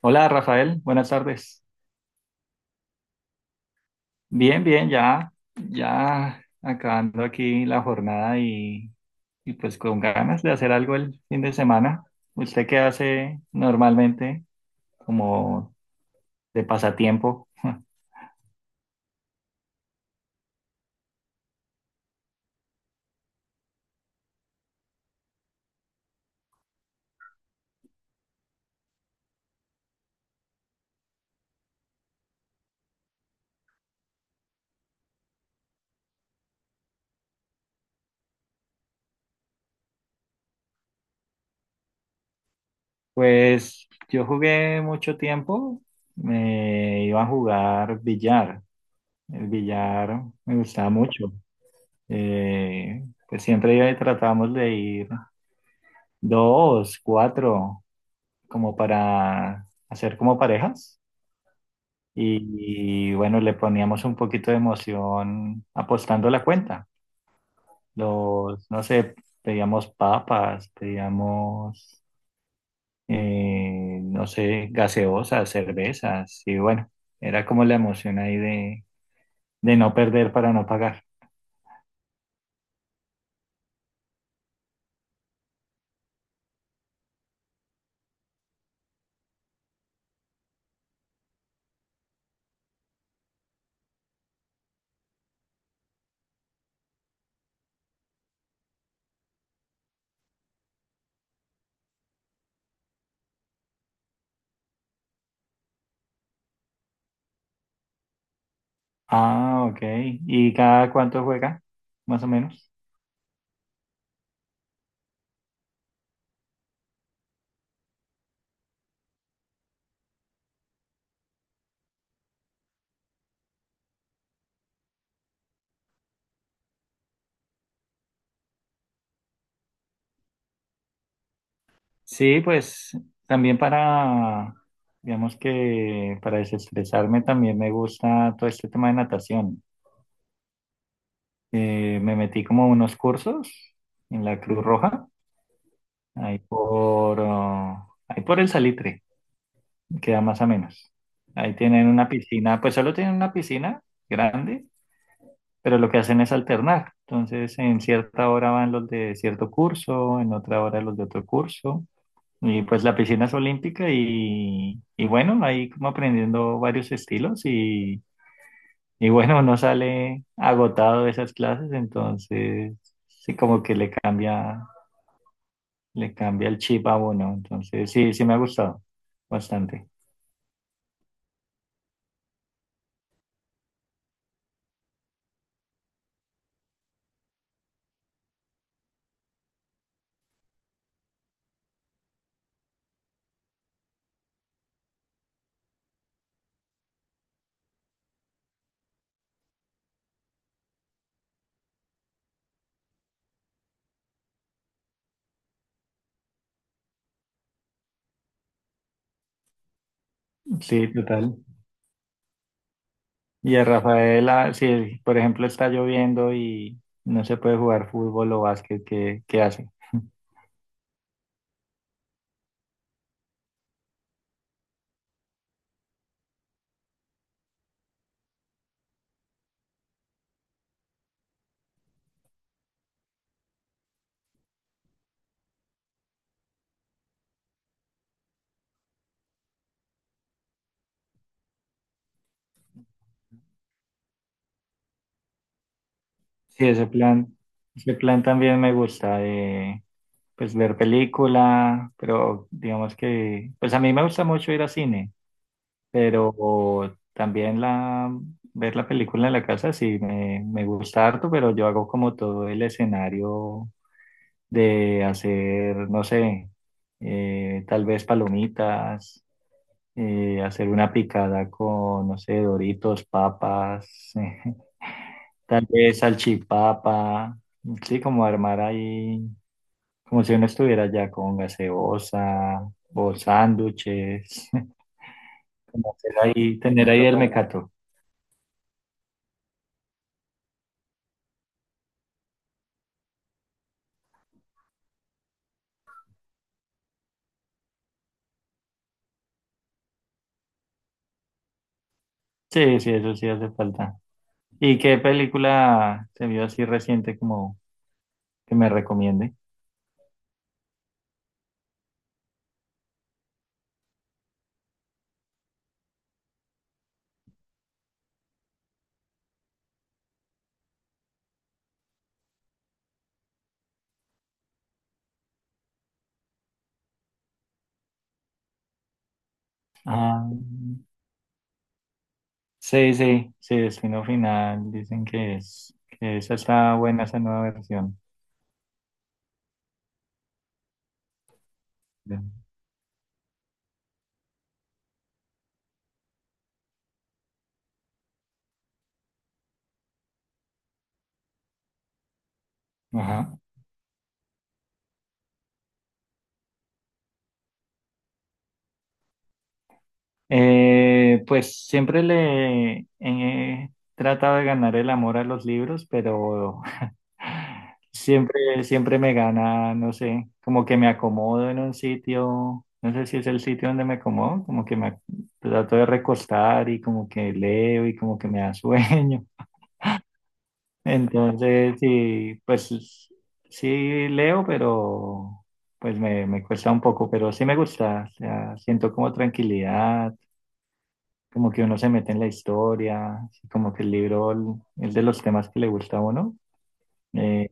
Hola Rafael, buenas tardes. Bien, bien, ya, ya acabando aquí la jornada y pues con ganas de hacer algo el fin de semana. ¿Usted qué hace normalmente como de pasatiempo? Pues yo jugué mucho tiempo, me iba a jugar billar. El billar me gustaba mucho. Pues siempre iba y tratábamos de ir dos, cuatro, como para hacer como parejas. Y, bueno, le poníamos un poquito de emoción apostando la cuenta. Los, no sé, pedíamos papas, pedíamos, no sé, gaseosas, cervezas. Y bueno, era como la emoción ahí de no perder para no pagar. Ah, ok. ¿Y cada cuánto juega? Más o menos. Sí, pues también para, digamos que para desestresarme también me gusta todo este tema de natación. Me metí como unos cursos en la Cruz Roja, ahí por, oh, ahí por el Salitre, queda más o menos. Ahí tienen una piscina, pues solo tienen una piscina grande, pero lo que hacen es alternar. Entonces, en cierta hora van los de cierto curso, en otra hora los de otro curso. Y pues la piscina es olímpica y bueno, ahí como aprendiendo varios estilos y bueno, uno sale agotado de esas clases, entonces sí como que le cambia el chip a uno. Entonces sí, sí me ha gustado bastante. Sí, total. Y a Rafaela, si por ejemplo está lloviendo y no se puede jugar fútbol o básquet, ¿qué hace? Sí, ese plan también me gusta. Pues ver película, pero digamos que, pues a mí me gusta mucho ir a cine, pero también la, ver la película en la casa sí me gusta harto, pero yo hago como todo el escenario de hacer, no sé, tal vez palomitas, hacer una picada con, no sé, Doritos, papas, tal vez salchipapa, sí, como armar ahí como si uno estuviera ya con gaseosa o sándwiches, como hacer ahí, tener ahí el mecato. Sí, sí, eso sí hace falta. ¿Y qué película se vio así reciente como que me recomiende? Ah, sí, sí, sí, Destino Final, dicen que es, que esa está buena, esa nueva versión. Ajá. Pues siempre le he tratado de ganar el amor a los libros, pero siempre, siempre me gana, no sé, como que me acomodo en un sitio, no sé si es el sitio donde me acomodo, como que trato de recostar y como que leo y como que me da sueño. Entonces, sí, pues sí leo, pero pues me cuesta un poco, pero sí me gusta, o sea, siento como tranquilidad como que uno se mete en la historia, así como que el libro es de los temas que le gusta a uno. Eh,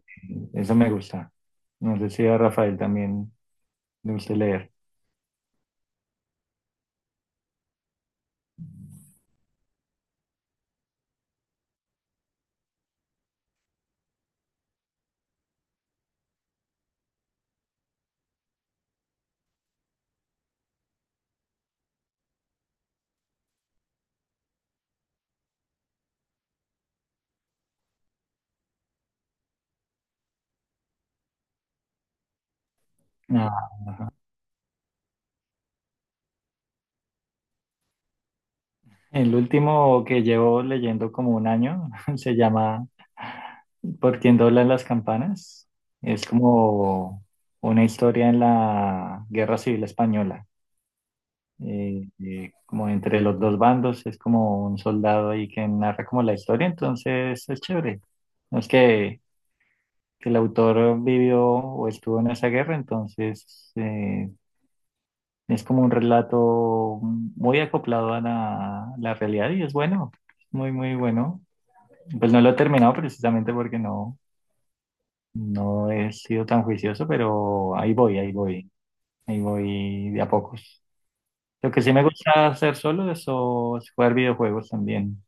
Eso me gusta. No sé si a Rafael también le gusta leer. Ah, el último que llevo leyendo como un año se llama ¿Por quién doblan las campanas? Es como una historia en la Guerra Civil Española. Como entre los dos bandos, es como un soldado ahí que narra como la historia, entonces es chévere. No es que el autor vivió o estuvo en esa guerra, entonces es como un relato muy acoplado a la realidad y es bueno, muy, muy bueno. Pues no lo he terminado precisamente porque no, no he sido tan juicioso, pero ahí voy, ahí voy, ahí voy de a pocos. Lo que sí me gusta hacer solo es, o, es jugar videojuegos también.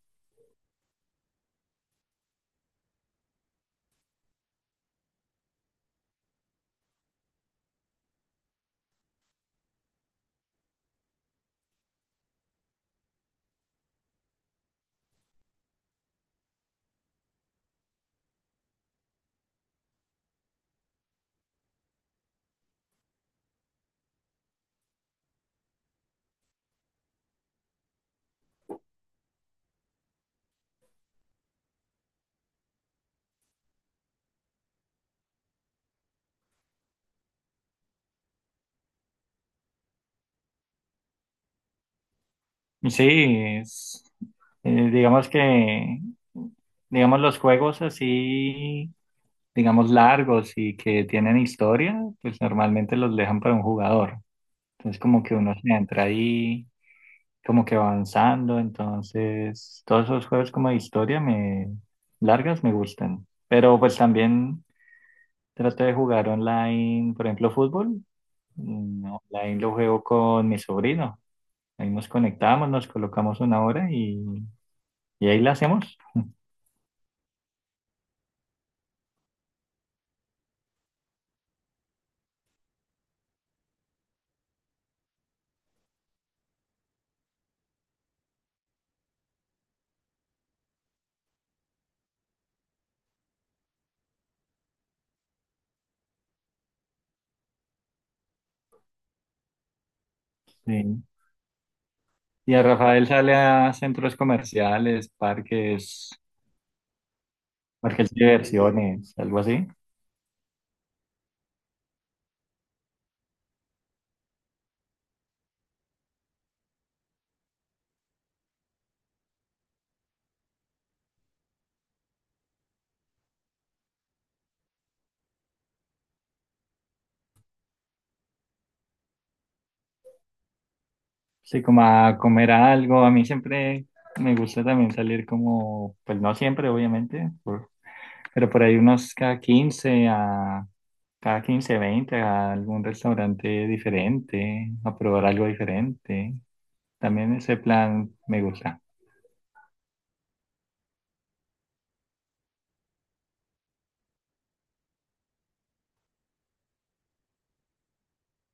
Sí, es, digamos que, digamos los juegos así digamos, largos y que tienen historia, pues normalmente los dejan para un jugador. Entonces como que uno se entra ahí, como que va avanzando. Entonces todos esos juegos como de historia me largas me gustan. Pero pues también trato de jugar online, por ejemplo, fútbol. Online lo juego con mi sobrino. Ahí nos conectamos, nos colocamos una hora y ahí la hacemos. Sí. Y a Rafael sale a centros comerciales, parques, parques de diversiones, algo así. Sí, como a comer algo. A mí siempre me gusta también salir como, pues no siempre, obviamente, pero por ahí unos cada 15 a cada 15 20 a algún restaurante diferente, a probar algo diferente. También ese plan me gusta.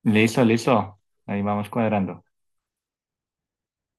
Listo, listo. Ahí vamos cuadrando.